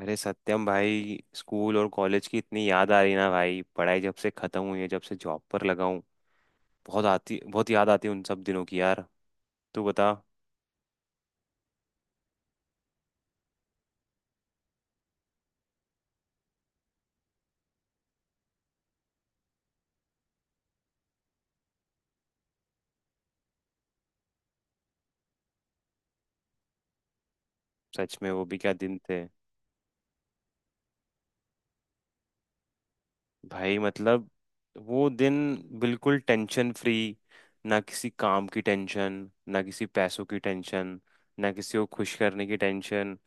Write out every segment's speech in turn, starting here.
अरे सत्यम भाई, स्कूल और कॉलेज की इतनी याद आ रही ना भाई, पढ़ाई जब से खत्म हुई है, जब से जॉब पर लगा हूँ। बहुत आती, बहुत याद आती है उन सब दिनों की यार। तू बता। सच में वो भी क्या दिन थे भाई। मतलब वो दिन बिल्कुल टेंशन फ्री। ना किसी काम की टेंशन, ना किसी पैसों की टेंशन, ना किसी को खुश करने की टेंशन,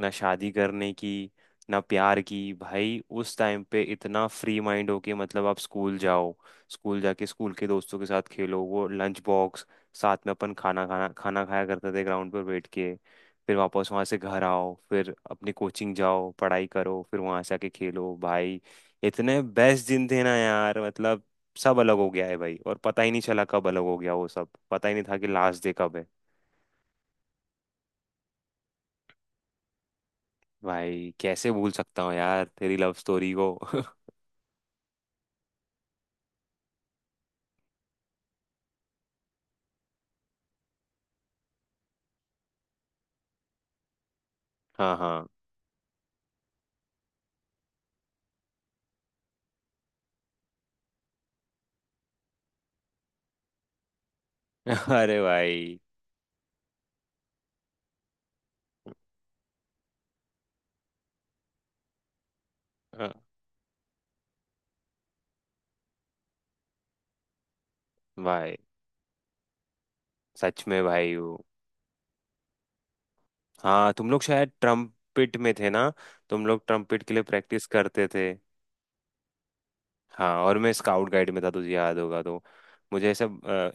ना शादी करने की, ना प्यार की। भाई उस टाइम पे इतना फ्री माइंड होके, मतलब आप स्कूल जाओ, स्कूल जाके स्कूल के दोस्तों के साथ खेलो, वो लंच बॉक्स साथ में अपन खाना खाना खाना खाया करते थे ग्राउंड पर बैठ के। फिर वापस वहाँ से घर आओ, फिर अपनी कोचिंग जाओ, पढ़ाई करो, फिर वहाँ से आके खेलो भाई। इतने बेस्ट दिन थे ना यार, मतलब सब अलग हो गया है भाई, और पता ही नहीं चला कब अलग हो गया। वो सब पता ही नहीं था कि लास्ट डे कब है। भाई कैसे भूल सकता हूँ यार तेरी लव स्टोरी को। हाँ हाँ। अरे भाई। हाँ, भाई सच में भाई वो। हाँ तुम लोग शायद ट्रम्पिट में थे ना, तुम लोग ट्रम्पिट के लिए प्रैक्टिस करते थे। हाँ और मैं स्काउट गाइड में था, तुझे याद होगा तो। मुझे ऐसे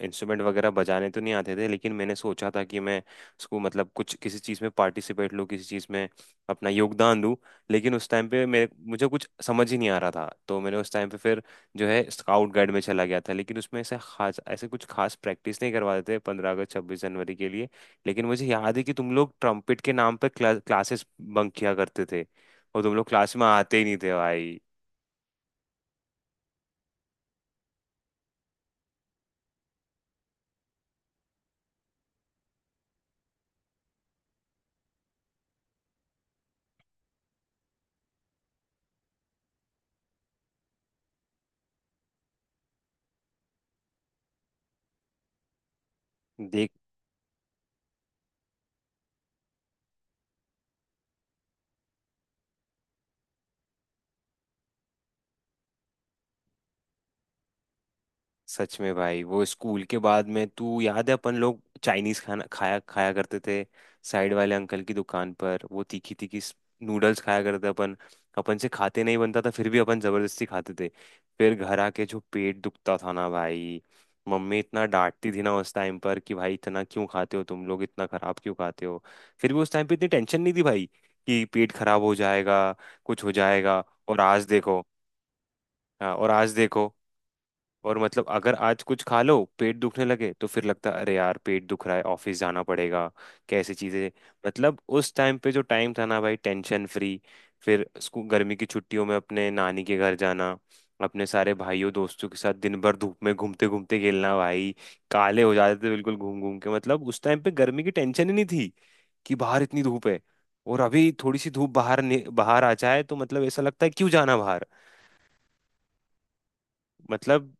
इंस्ट्रूमेंट वगैरह बजाने तो नहीं आते थे, लेकिन मैंने सोचा था कि मैं उसको, मतलब कुछ, किसी चीज़ में पार्टिसिपेट लूँ, किसी चीज़ में अपना योगदान दूँ। लेकिन उस टाइम पे मेरे मुझे कुछ समझ ही नहीं आ रहा था, तो मैंने उस टाइम पे फिर जो है स्काउट गाइड में चला गया था। लेकिन उसमें ऐसे खास, ऐसे कुछ खास प्रैक्टिस नहीं करवाते थे 15 अगस्त 26 जनवरी के लिए। लेकिन मुझे याद है कि तुम लोग ट्रम्पेट के नाम पर क्लासेस बंक किया करते थे और तुम लोग क्लास में आते ही नहीं थे भाई। देख। सच में भाई, वो स्कूल के बाद में तू याद है अपन लोग चाइनीज खाना खाया खाया करते थे साइड वाले अंकल की दुकान पर, वो तीखी तीखी नूडल्स खाया करते अपन। अपन से खाते नहीं बनता था, फिर भी अपन जबरदस्ती खाते थे। फिर घर आके जो पेट दुखता था ना भाई, मम्मी इतना डांटती थी ना उस टाइम पर कि भाई इतना क्यों खाते हो तुम लोग, इतना खराब क्यों खाते हो। फिर भी उस टाइम पे इतनी टेंशन नहीं थी भाई कि पेट खराब हो जाएगा, कुछ हो जाएगा। और आज देखो। हाँ, और आज देखो। और मतलब अगर आज कुछ खा लो, पेट दुखने लगे तो फिर लगता अरे यार पेट दुख रहा है, ऑफिस जाना पड़ेगा। कैसी चीजें। मतलब उस टाइम पे जो टाइम था ना भाई, टेंशन फ्री। फिर स्कूल गर्मी की छुट्टियों में अपने नानी के घर जाना, अपने सारे भाइयों दोस्तों के साथ दिन भर धूप में घूमते घूमते खेलना भाई। काले हो जाते थे बिल्कुल घूम घूम के। मतलब उस टाइम पे गर्मी की टेंशन ही नहीं थी कि बाहर इतनी धूप है। और अभी थोड़ी सी धूप बाहर बाहर आ जाए तो मतलब ऐसा लगता है क्यों जाना बाहर। मतलब।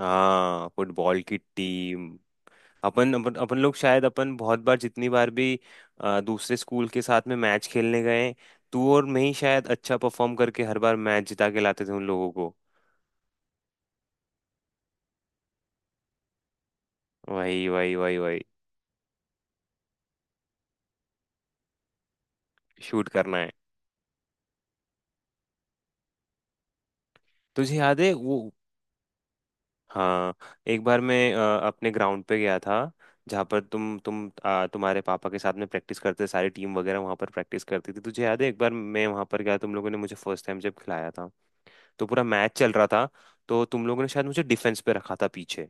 हाँ फुटबॉल की टीम। अपन अपन अपन लोग शायद, अपन बहुत बार, जितनी बार भी दूसरे स्कूल के साथ में मैच खेलने गए, तू और मैं ही शायद अच्छा परफॉर्म करके हर बार मैच जिता के लाते थे उन लोगों को। वही वही वही वही। शूट करना है। तुझे याद है वो। हाँ एक बार मैं अपने ग्राउंड पे गया था, जहाँ पर तुम तुम्हारे पापा के साथ में प्रैक्टिस करते थे, सारी टीम वगैरह वहाँ पर प्रैक्टिस करती थी। तुझे याद है एक बार मैं वहाँ पर गया, तुम लोगों ने मुझे फर्स्ट टाइम जब खिलाया था, तो पूरा मैच चल रहा था। तो तुम लोगों ने शायद मुझे डिफेंस पे रखा था पीछे,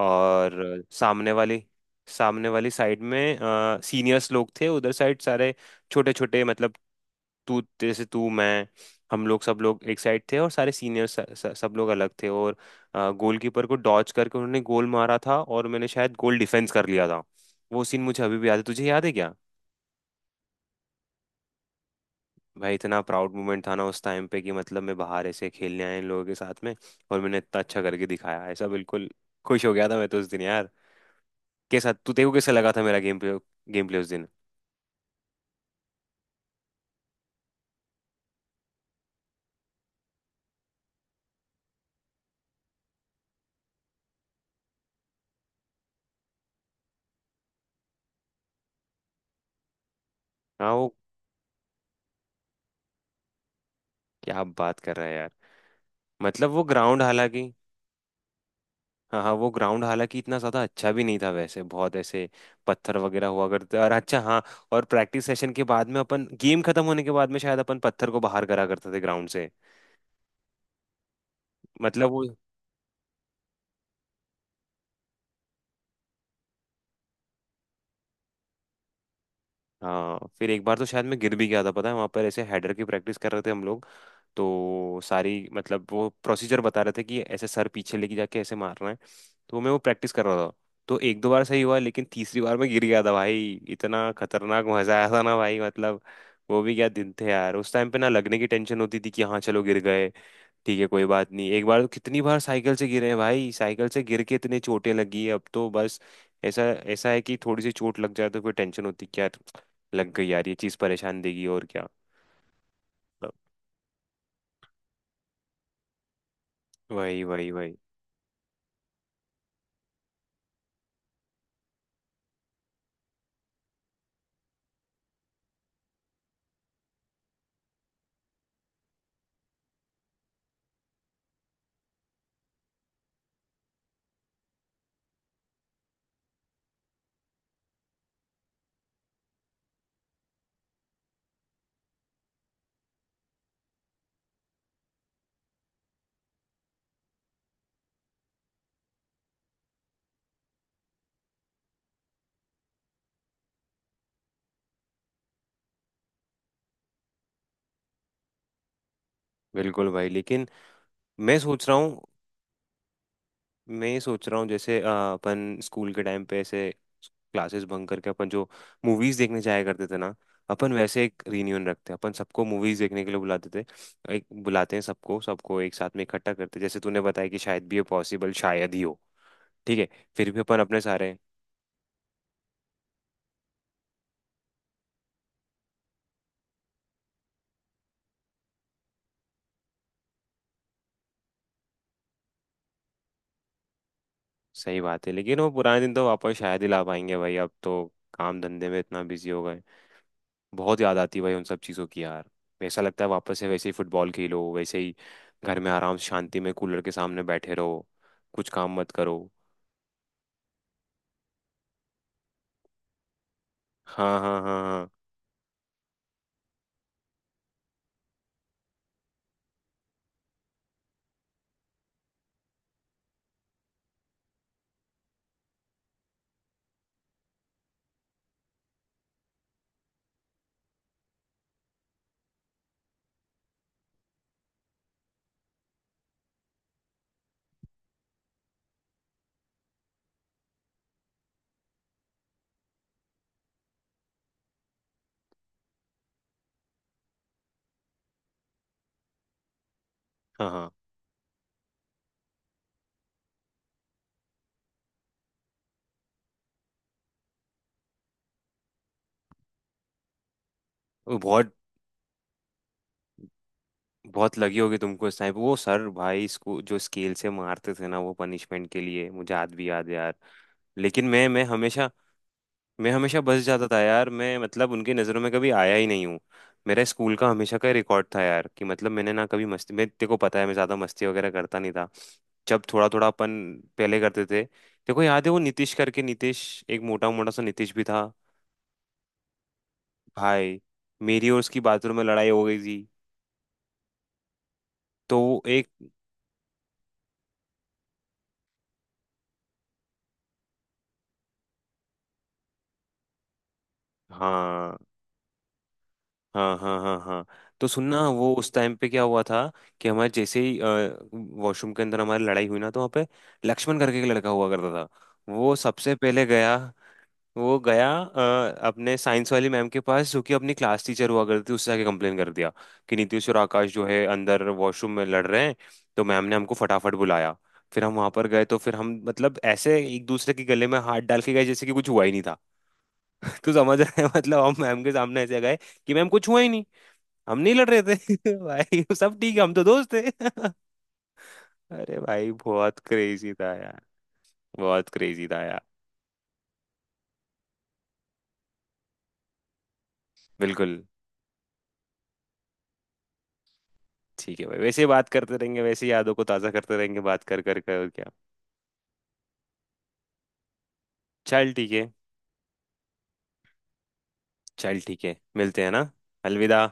और सामने वाली, सामने वाली साइड में सीनियर्स लोग थे उधर साइड सारे। छोटे छोटे, मतलब तू, जैसे तू, मैं, हम लोग, सब लोग एक साइड थे, और सारे सीनियर्स सब लोग अलग थे, और गोलकीपर को डॉच करके उन्होंने गोल मारा था, और मैंने शायद गोल डिफेंस कर लिया था। वो सीन मुझे अभी भी याद है, तुझे याद है क्या। भाई इतना प्राउड मोमेंट था ना उस टाइम पे कि मतलब मैं बाहर ऐसे खेलने आया इन लोगों के साथ में, और मैंने इतना अच्छा करके दिखाया ऐसा। बिल्कुल खुश हो गया था मैं तो उस दिन यार। के साथ तू देखो कैसा लगा था मेरा गेम प्ले, गेम प्ले उस दिन। हाँ वो। क्या बात कर रहा है यार। मतलब वो ग्राउंड हालांकि। हाँ हाँ वो ग्राउंड हालांकि इतना ज़्यादा अच्छा भी नहीं था वैसे, बहुत ऐसे पत्थर वगैरह हुआ करते। और अच्छा हाँ, और प्रैक्टिस सेशन के बाद में अपन, गेम खत्म होने के बाद में शायद अपन पत्थर को बाहर करा करते थे ग्राउंड से। मतलब वो। हाँ फिर एक बार तो शायद मैं गिर भी गया था, पता है वहाँ पर ऐसे हेडर की प्रैक्टिस कर रहे थे हम लोग। तो सारी, मतलब वो प्रोसीजर बता रहे थे कि ऐसे सर पीछे लेके जाके ऐसे मारना है, तो मैं वो प्रैक्टिस कर रहा था। तो एक दो बार सही हुआ, लेकिन तीसरी बार मैं गिर गया था भाई। इतना खतरनाक मजा आया था ना भाई, मतलब वो भी क्या दिन थे यार। उस टाइम पे ना लगने की टेंशन होती थी, कि हाँ चलो गिर गए ठीक है कोई बात नहीं। एक बार तो, कितनी बार साइकिल से गिरे हैं भाई, साइकिल से गिर के इतने चोटें लगी है। अब तो बस ऐसा ऐसा है कि थोड़ी सी चोट लग जाए तो कोई टेंशन होती कि यार लग गई यार, ये चीज़ परेशान देगी, और क्या। मतलब वही वही वही। बिल्कुल भाई, लेकिन मैं सोच रहा हूँ, मैं सोच रहा हूँ जैसे अपन स्कूल के टाइम पे ऐसे क्लासेस बंक करके अपन जो मूवीज देखने जाया करते थे ना, अपन वैसे एक रियूनियन रखते हैं। अपन सबको मूवीज देखने के लिए बुलाते थे, एक बुलाते हैं सबको, सबको एक साथ में इकट्ठा करते हैं। जैसे तूने बताया कि शायद भी ये पॉसिबल शायद ही हो, ठीक है, फिर भी अपन अपने सारे। सही बात है, लेकिन वो पुराने दिन तो वापस शायद ही ला पाएंगे भाई, अब तो काम धंधे में इतना बिजी हो गए। बहुत याद आती है भाई उन सब चीज़ों की यार। ऐसा लगता है वापस से वैसे ही फुटबॉल खेलो, वैसे ही घर में आराम से शांति में कूलर के सामने बैठे रहो, कुछ काम मत करो। हाँ हाँ हाँ हाँ। हाँ हाँ। वो बहुत, बहुत लगी होगी तुमको इस टाइम। वो सर भाई इसको जो स्केल से मारते थे ना वो पनिशमेंट के लिए, मुझे आज भी याद है यार। लेकिन मैं हमेशा, मैं हमेशा बस जाता था यार मैं, मतलब उनकी नज़रों में कभी आया ही नहीं हूँ। मेरा स्कूल का हमेशा का रिकॉर्ड था यार कि मतलब मैंने ना कभी मस्ती, मैं तेरे को पता है मैं ज़्यादा मस्ती वगैरह करता नहीं था। जब थोड़ा थोड़ा अपन पहले करते थे, देखो याद है वो नीतीश करके, नीतीश एक मोटा मोटा सा नीतीश भी था भाई। मेरी और उसकी बाथरूम में लड़ाई हो गई थी, तो वो एक। हाँ हाँ हाँ हाँ हाँ। तो सुनना वो उस टाइम पे क्या हुआ था, कि हमारे जैसे ही वॉशरूम के अंदर हमारी लड़ाई हुई ना, तो वहाँ पे लक्ष्मण करके एक लड़का हुआ करता था, वो सबसे पहले गया। वो गया अपने साइंस वाली मैम के पास, जो कि अपनी क्लास टीचर हुआ करती थी, उससे आके कंप्लेन कर दिया कि नीतीश और आकाश जो है अंदर वॉशरूम में लड़ रहे हैं। तो मैम ने हमको फटाफट बुलाया, फिर हम वहां पर गए, तो फिर हम, मतलब ऐसे एक दूसरे के गले में हाथ डाल के गए जैसे कि कुछ हुआ ही नहीं था। तो समझ रहे हैं, मतलब हम मैम के सामने ऐसे गए कि मैम कुछ हुआ ही नहीं, हम नहीं लड़ रहे थे। भाई सब ठीक है, हम तो दोस्त थे। अरे भाई बहुत क्रेजी था यार, बहुत क्रेजी था यार। बिल्कुल ठीक है भाई, वैसे ही बात करते रहेंगे, वैसे ही यादों को ताज़ा करते रहेंगे, बात कर कर कर, और क्या। चल ठीक है। चल ठीक है, मिलते हैं ना। अलविदा।